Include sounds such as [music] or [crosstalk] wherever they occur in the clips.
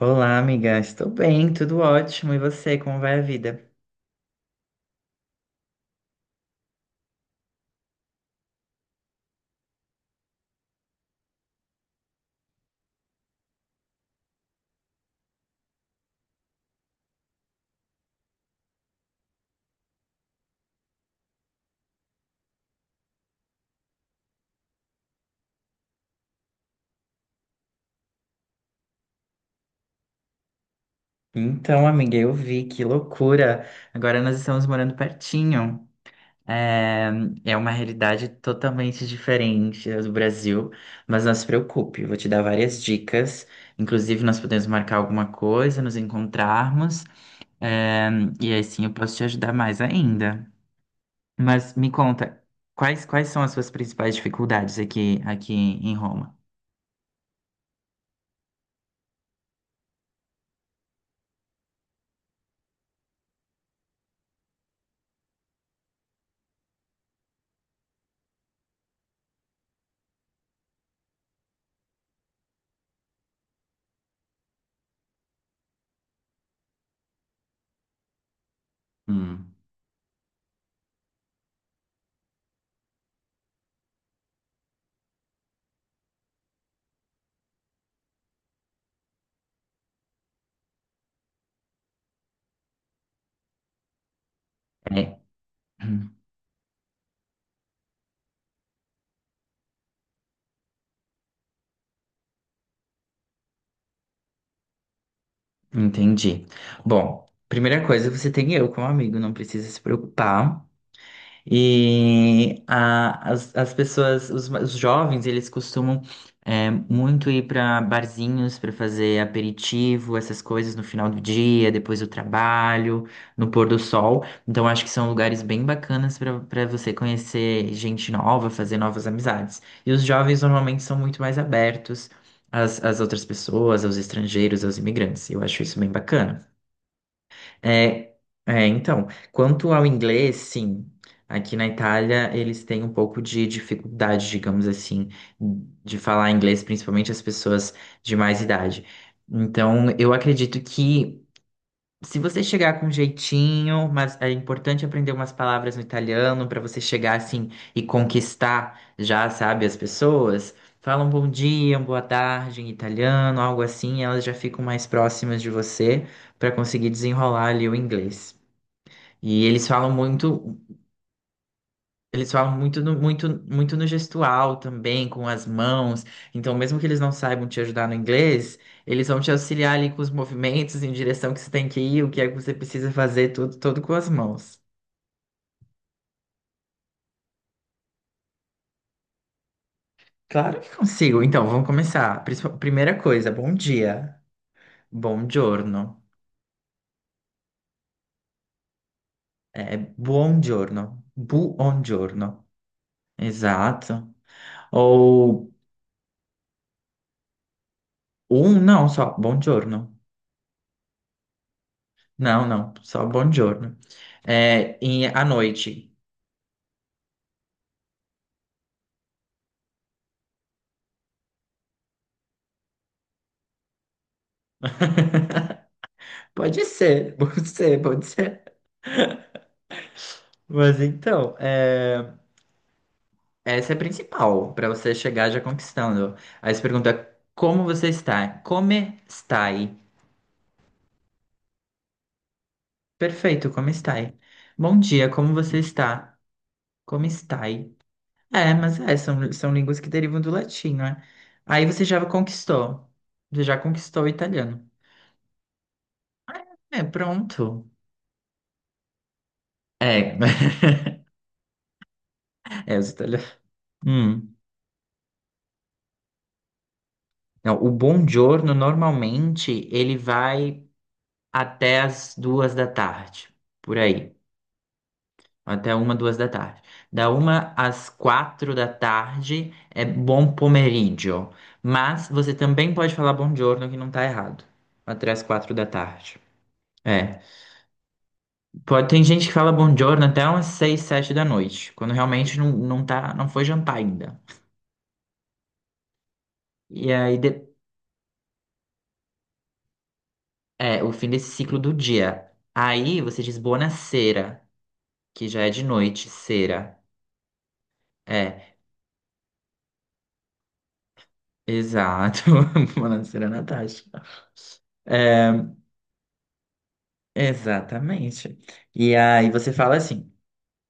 Olá, amiga. Estou bem, tudo ótimo. E você, como vai a vida? Então, amiga, eu vi, que loucura. Agora nós estamos morando pertinho. É. É uma realidade totalmente diferente da do Brasil, mas não se preocupe, eu vou te dar várias dicas. Inclusive, nós podemos marcar alguma coisa, nos encontrarmos, é, e aí sim eu posso te ajudar mais ainda. Mas me conta, quais são as suas principais dificuldades aqui em Roma? Hum. É. Entendi. Bom, primeira coisa, você tem eu como amigo, não precisa se preocupar. E as pessoas, os jovens, eles costumam muito ir para barzinhos para fazer aperitivo, essas coisas no final do dia, depois do trabalho, no pôr do sol. Então, acho que são lugares bem bacanas para você conhecer gente nova, fazer novas amizades. E os jovens normalmente são muito mais abertos às outras pessoas, aos estrangeiros, aos imigrantes. Eu acho isso bem bacana. É, então, quanto ao inglês, sim, aqui na Itália eles têm um pouco de dificuldade, digamos assim, de falar inglês, principalmente as pessoas de mais idade. Então, eu acredito que se você chegar com jeitinho, mas é importante aprender umas palavras no italiano para você chegar assim e conquistar já, sabe, as pessoas, falam um bom dia, uma boa tarde em italiano, algo assim, elas já ficam mais próximas de você para conseguir desenrolar ali o inglês. E eles falam muito eles falam muito no, muito no gestual também, com as mãos. Então, mesmo que eles não saibam te ajudar no inglês, eles vão te auxiliar ali com os movimentos, em direção que você tem que ir, o que é que você precisa fazer, tudo, tudo com as mãos. Claro que consigo. Então, vamos começar. Primeira coisa, bom dia. Bom giorno. É, buon giorno. Exato. Ou não, só bom giorno. Não, não, só bom giorno. À noite. [laughs] Pode ser, pode ser, pode ser. Mas então, essa é a principal, para você chegar já conquistando. Aí você pergunta, como você está? Come stai? Perfeito, como stai? Bom dia, como você está? Como stai? É, mas são línguas que derivam do latim, né? Aí você já conquistou. Você já conquistou o italiano. É, pronto. É. [laughs] É os italianos. Hum. Não, o buongiorno normalmente ele vai até as 2 da tarde, por aí, até 1, 2 da tarde. Da 1 às 4 da tarde é bom pomeriggio, mas você também pode falar buongiorno que não tá errado, até as 4 da tarde. É, pode, tem gente que fala buongiorno até umas 6, 7 da noite, quando realmente não, não tá, não foi jantar ainda. E aí é o fim desse ciclo do dia. Aí você diz buonasera. Que já é de noite, cera. É, exato. [laughs] Falando cera Natasha. É, exatamente. E aí você fala assim,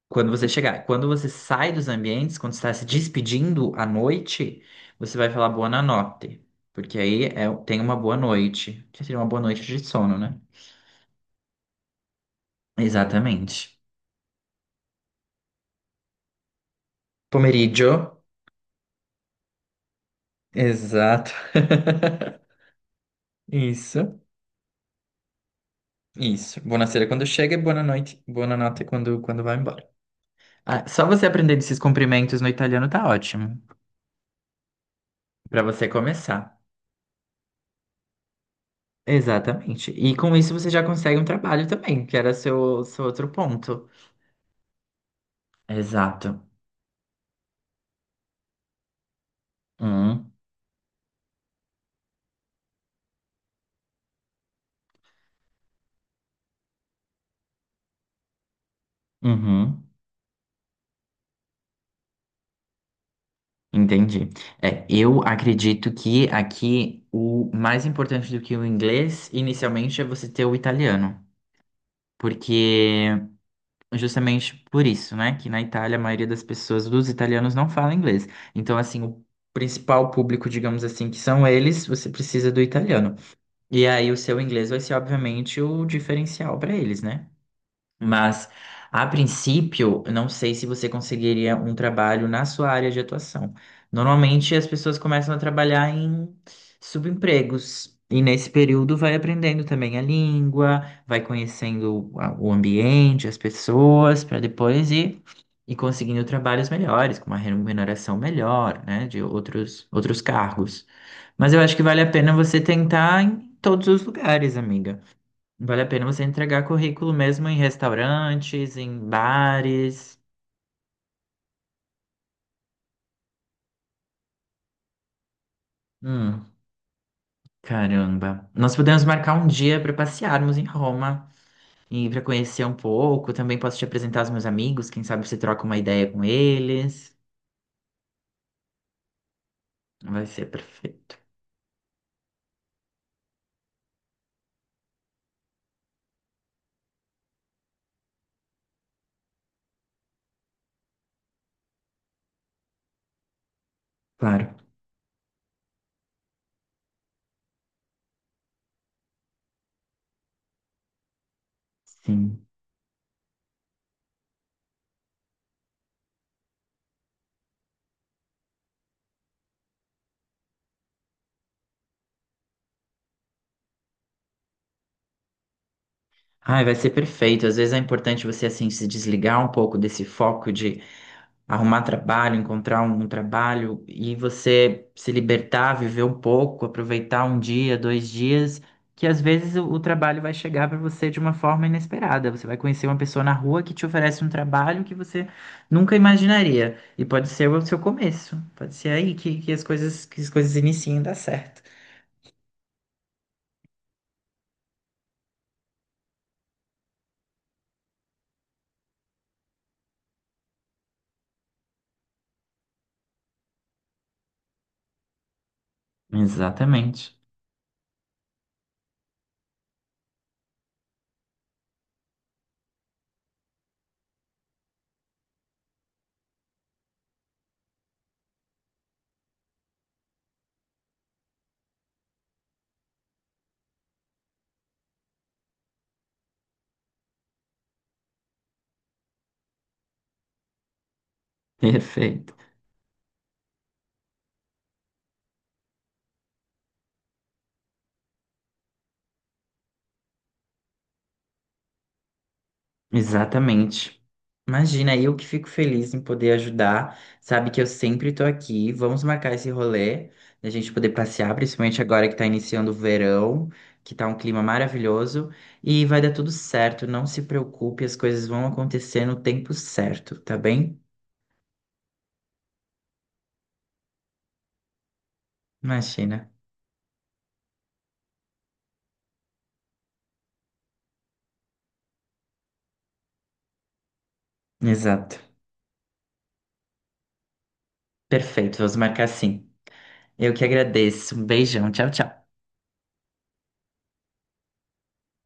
quando você chegar, quando você sai dos ambientes, quando você está se despedindo à noite, você vai falar boa notte, porque aí tem uma boa noite, que seria uma boa noite de sono, né? Exatamente. Pomeriggio. Exato. [laughs] Isso, isso. Boa sera quando chega e boa noite quando vai embora. Ah, só você aprender esses cumprimentos no italiano tá ótimo, pra você começar. Exatamente. E com isso você já consegue um trabalho também, que era seu, outro ponto. Exato. Hum, uhum, entendi. É, eu acredito que aqui o mais importante do que o inglês, inicialmente, é você ter o italiano. Porque justamente por isso, né? Que na Itália a maioria das pessoas, dos italianos, não fala inglês. Então, assim, o principal público, digamos assim, que são eles, você precisa do italiano. E aí o seu inglês vai ser, obviamente, o diferencial para eles, né? Mas, a princípio, eu não sei se você conseguiria um trabalho na sua área de atuação. Normalmente, as pessoas começam a trabalhar em subempregos. E nesse período vai aprendendo também a língua, vai conhecendo o ambiente, as pessoas, para depois ir conseguindo trabalhos melhores, com uma remuneração melhor, né, de outros cargos. Mas eu acho que vale a pena você tentar em todos os lugares, amiga. Vale a pena você entregar currículo mesmo em restaurantes, em bares. Hum, caramba. Nós podemos marcar um dia para passearmos em Roma e para conhecer um pouco. Também posso te apresentar os meus amigos, quem sabe você troca uma ideia com eles. Vai ser perfeito. Claro, sim. Ai, vai ser perfeito. Às vezes é importante você assim se desligar um pouco desse foco de arrumar trabalho, encontrar um trabalho e você se libertar, viver um pouco, aproveitar um dia, dois dias, que às vezes o trabalho vai chegar para você de uma forma inesperada. Você vai conhecer uma pessoa na rua que te oferece um trabalho que você nunca imaginaria. E pode ser o seu começo, pode ser aí que as coisas iniciem a dar certo. Exatamente. [laughs] Perfeito. Exatamente. Imagina, eu que fico feliz em poder ajudar. Sabe que eu sempre tô aqui. Vamos marcar esse rolê, da gente poder passear, principalmente agora que tá iniciando o verão, que tá um clima maravilhoso. E vai dar tudo certo, não se preocupe, as coisas vão acontecer no tempo certo, tá bem? Imagina. Exato. Perfeito, vamos marcar sim. Eu que agradeço. Um beijão, tchau, tchau.